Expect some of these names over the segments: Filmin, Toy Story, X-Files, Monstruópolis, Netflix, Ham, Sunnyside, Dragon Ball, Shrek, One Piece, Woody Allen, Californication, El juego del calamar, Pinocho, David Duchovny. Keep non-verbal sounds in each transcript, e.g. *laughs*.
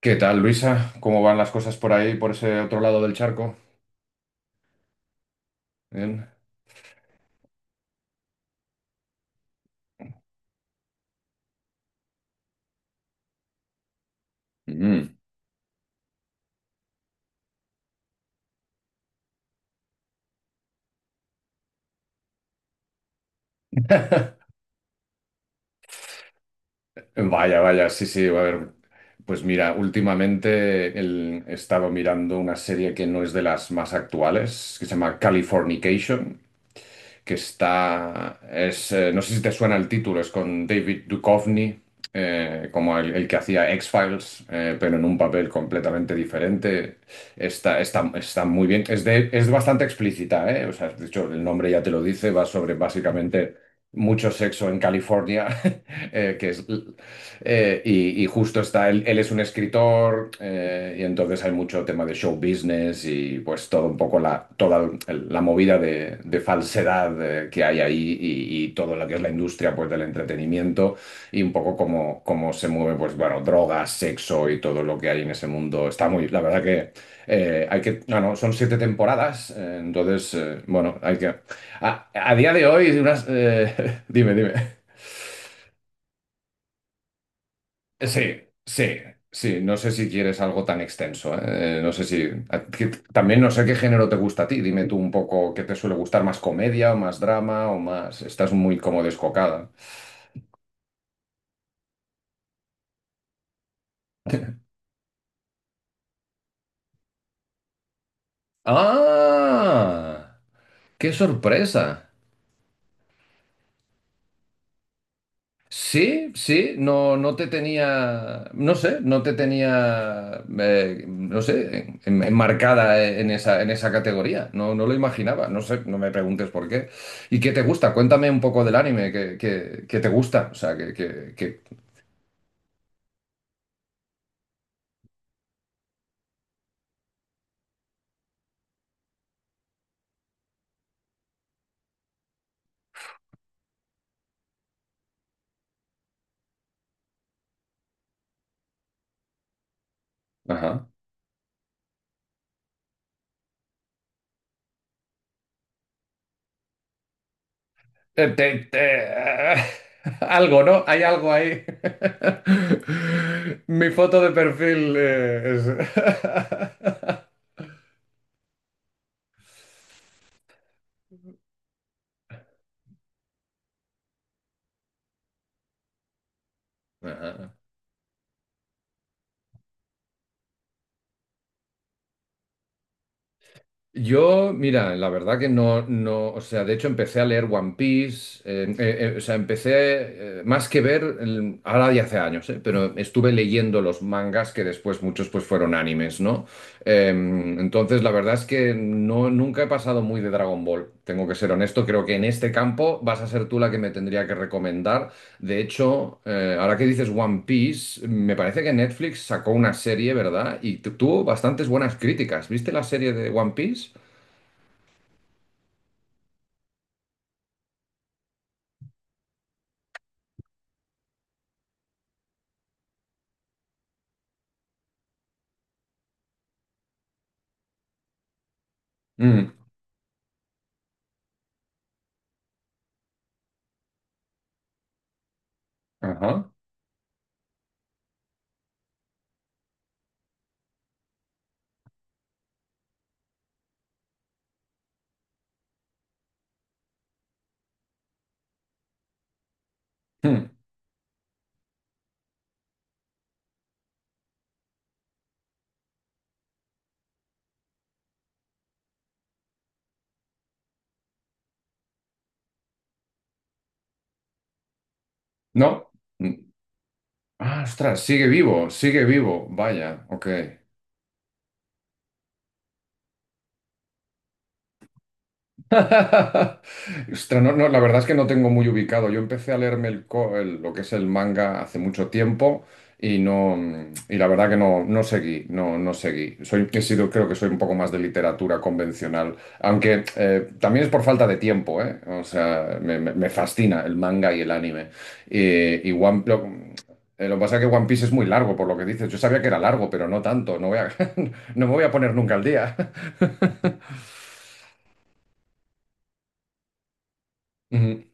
¿Qué tal, Luisa? ¿Cómo van las cosas por ahí, por ese otro lado del charco? Bien. Mm. Vaya, vaya, sí, sí, a ver. Pues mira, últimamente he estado mirando una serie que no es de las más actuales, que se llama Californication. Que es no sé si te suena el título, es con David Duchovny, como el que hacía X-Files, pero en un papel completamente diferente. Está muy bien, es bastante explícita, ¿eh? O sea, de hecho, el nombre ya te lo dice, va sobre básicamente mucho sexo en California, *laughs* eh, que es, y justo él es un escritor, y entonces hay mucho tema de show business y pues todo un poco la movida de falsedad, que hay ahí y todo lo que es la industria pues del entretenimiento y un poco cómo se mueve. Pues bueno, drogas, sexo y todo lo que hay en ese mundo. Está muy, la verdad que... no, no, son 7 temporadas, entonces, bueno, hay que, a día de hoy, unas, *laughs* dime, dime. Sí, sí, sí. No sé si quieres algo tan extenso, ¿eh? No sé si. a- que- También no sé qué género te gusta a ti. Dime tú un poco qué te suele gustar, más comedia o más drama o más. Estás muy como descocada. ¡Ah! ¡Qué sorpresa! Sí, sí, no, no te tenía, no sé, no te tenía, no sé, enmarcada en esa categoría. No, no lo imaginaba, no sé, no me preguntes por qué. ¿Y qué te gusta? Cuéntame un poco del anime, que te gusta, o sea. Ajá. Eh, te- te- *laughs* Algo, ¿no? Hay algo ahí. *laughs* Mi foto de perfil, es. *laughs* Ajá. Yo, mira, la verdad que no, no, o sea, de hecho empecé a leer One Piece, o sea, empecé, más que ver, ahora ya hace años, pero estuve leyendo los mangas que después muchos pues fueron animes, ¿no? Entonces, la verdad es que no, nunca he pasado muy de Dragon Ball, tengo que ser honesto, creo que en este campo vas a ser tú la que me tendría que recomendar. De hecho, ahora que dices One Piece, me parece que Netflix sacó una serie, ¿verdad? Y tuvo bastantes buenas críticas. ¿Viste la serie de One Piece? Mm, ajá. Mm, no. Mm. Ah, ostras, sigue vivo, sigue vivo. Vaya, ok. *laughs* Ostras, no, no, la verdad es que no tengo muy ubicado. Yo empecé a leerme lo que es el manga hace mucho tiempo y no, y la verdad que no, no seguí, no, no seguí. Creo que soy un poco más de literatura convencional, aunque, también es por falta de tiempo, ¿eh? O sea, me fascina el manga y el anime. Eh, y One, lo, lo que pasa es que One Piece es muy largo, por lo que dices. Yo sabía que era largo, pero no tanto. *laughs* No me voy a poner nunca al día. *laughs* Ujú.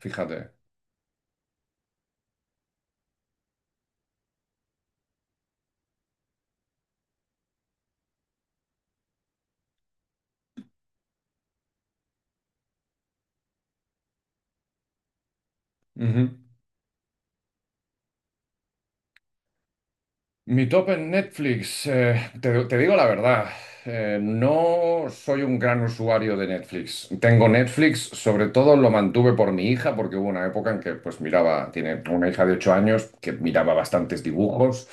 Fíjate. Ujú. Mi top en Netflix, te digo la verdad, no soy un gran usuario de Netflix. Tengo Netflix, sobre todo lo mantuve por mi hija, porque hubo una época en que pues miraba, tiene una hija de 8 años que miraba bastantes dibujos.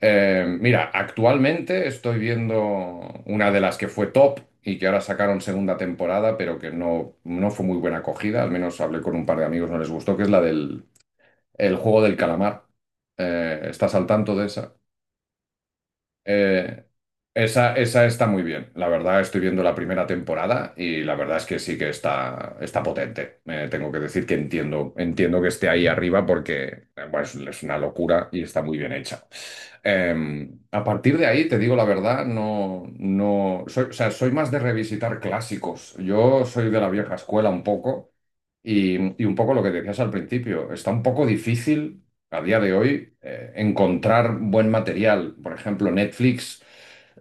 Mira, actualmente estoy viendo una de las que fue top y que ahora sacaron segunda temporada, pero que no, no fue muy buena acogida. Al menos hablé con un par de amigos, no les gustó, que es la del El juego del calamar. ¿Estás al tanto de esa? Eh, esa está muy bien. La verdad, estoy viendo la primera temporada y la verdad es que sí que está, está potente. Tengo que decir que entiendo que esté ahí arriba porque, bueno, es una locura y está muy bien hecha. A partir de ahí, te digo la verdad, no, no soy, o sea, soy más de revisitar clásicos. Yo soy de la vieja escuela un poco. Y un poco lo que decías al principio, está un poco difícil a día de hoy, encontrar buen material. Por ejemplo, Netflix,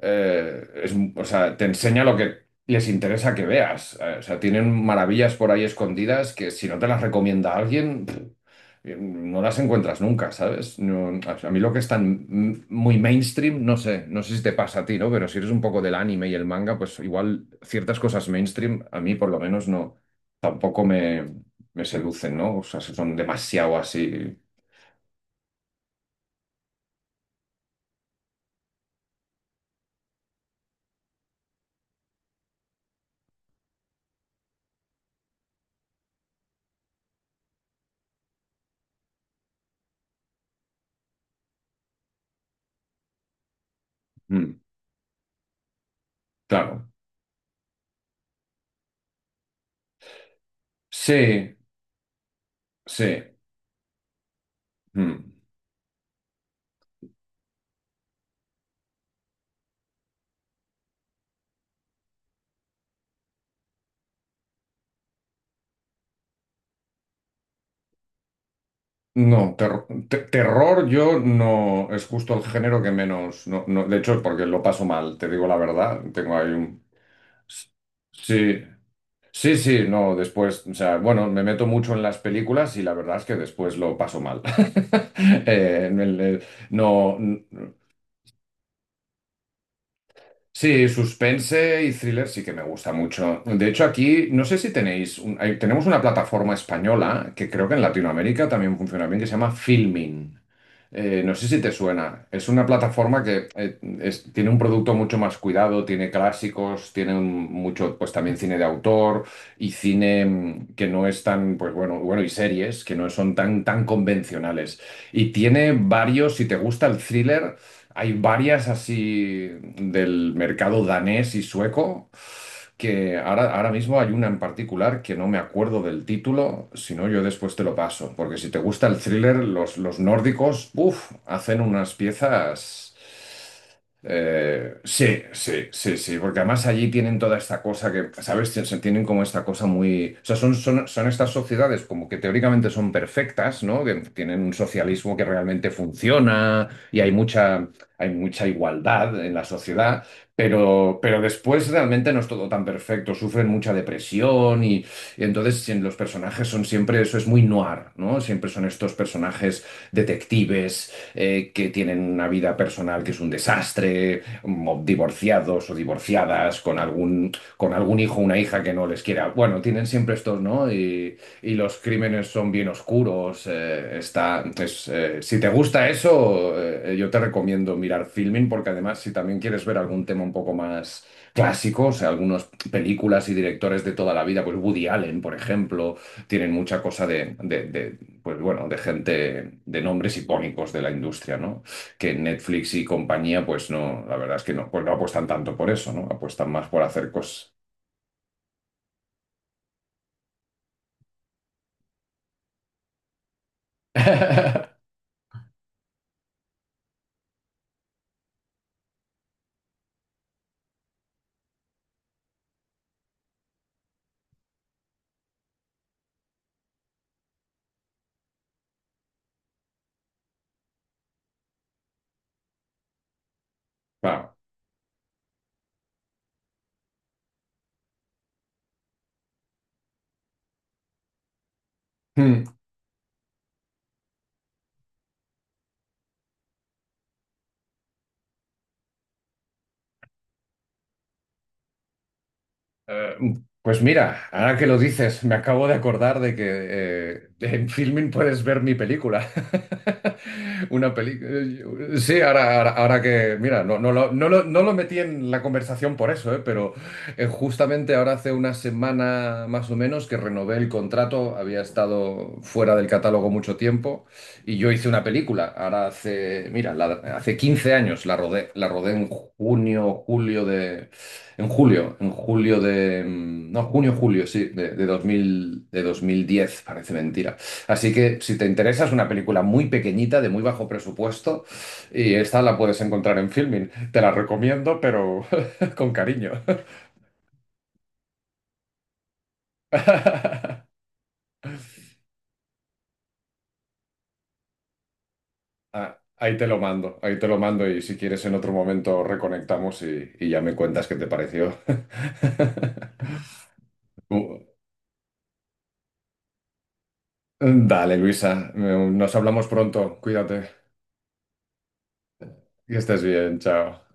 o sea, te enseña lo que les interesa que veas. O sea, tienen maravillas por ahí escondidas que si no te las recomienda alguien, pff, no las encuentras nunca, ¿sabes? A mí lo que es tan, muy mainstream, no sé, no sé si te pasa a ti, ¿no? Pero si eres un poco del anime y el manga, pues igual ciertas cosas mainstream, a mí por lo menos no, tampoco me seducen, ¿no? O sea, si son demasiado así. Claro, sí, sí. Mm. No, terror yo no, es justo el género que menos, no, no, de hecho, porque lo paso mal, te digo la verdad, tengo ahí un... Sí, sí, sí, no, después, o sea, bueno, me meto mucho en las películas y la verdad es que después lo paso mal. *laughs* Eh, en el- eh, no, sí, suspense y thriller sí que me gusta mucho. De hecho, aquí no sé si tenéis, tenemos una plataforma española que creo que en Latinoamérica también funciona bien, que se llama Filmin. No sé si te suena. Es una plataforma que, tiene un producto mucho más cuidado, tiene clásicos, tiene, mucho, pues también cine de autor y cine, que no es tan, pues bueno, bueno, y series que no son tan, tan convencionales. Y tiene varios, si te gusta el thriller. Hay varias así del mercado danés y sueco, que ahora mismo hay una en particular que no me acuerdo del título, si no yo después te lo paso, porque si te gusta el thriller, los nórdicos, uff, hacen unas piezas... Sí, sí, sí, sí, porque además allí tienen toda esta cosa que, ¿sabes? Tien- se Tienen como esta cosa muy... O sea, son estas sociedades como que teóricamente son perfectas, ¿no? Que tienen un socialismo que realmente funciona y hay mucha igualdad en la sociedad, pero después realmente no es todo tan perfecto, sufren mucha depresión y entonces en los personajes son siempre, eso es muy noir, ¿no? Siempre son estos personajes detectives, que tienen una vida personal que es un desastre, divorciados o divorciadas, con algún, hijo o una hija que no les quiera. Bueno, tienen siempre estos, ¿no? Y los crímenes son bien oscuros. Entonces, si te gusta eso, yo te recomiendo mirar Filming, porque además, si también quieres ver algún tema un poco más clásico, o sea, algunas películas y directores de toda la vida, pues Woody Allen, por ejemplo, tienen mucha cosa de pues bueno, de gente, de nombres icónicos de la industria, ¿no? Que Netflix y compañía, pues no, la verdad es que no, pues no apuestan tanto por eso, ¿no? Apuestan más por hacer cosas. *laughs* Claro. Eh, Pues mira, ahora que lo dices, me acabo de acordar de que, en Filmin puedes ver mi película. *laughs* Una película. Sí, ahora que. Mira, no, no, no lo metí en la conversación por eso, pero, justamente ahora hace una semana más o menos que renové el contrato. Había estado fuera del catálogo mucho tiempo y yo hice una película. Ahora hace. Mira, hace 15 años la rodé. La rodé en junio, julio de en julio de... mm, no, junio, julio, sí, de 2000, de 2010. Parece mentira. Así que si te interesa, es una película muy pequeñita, de muy bajo presupuesto, y esta la puedes encontrar en Filmin. Te la recomiendo, pero *laughs* con cariño. *laughs* Ah, ahí te lo mando, ahí te lo mando, y si quieres en otro momento reconectamos y ya me cuentas qué te pareció. *laughs* Uh, Dale, Luisa, nos hablamos pronto, cuídate, que estés bien, chao.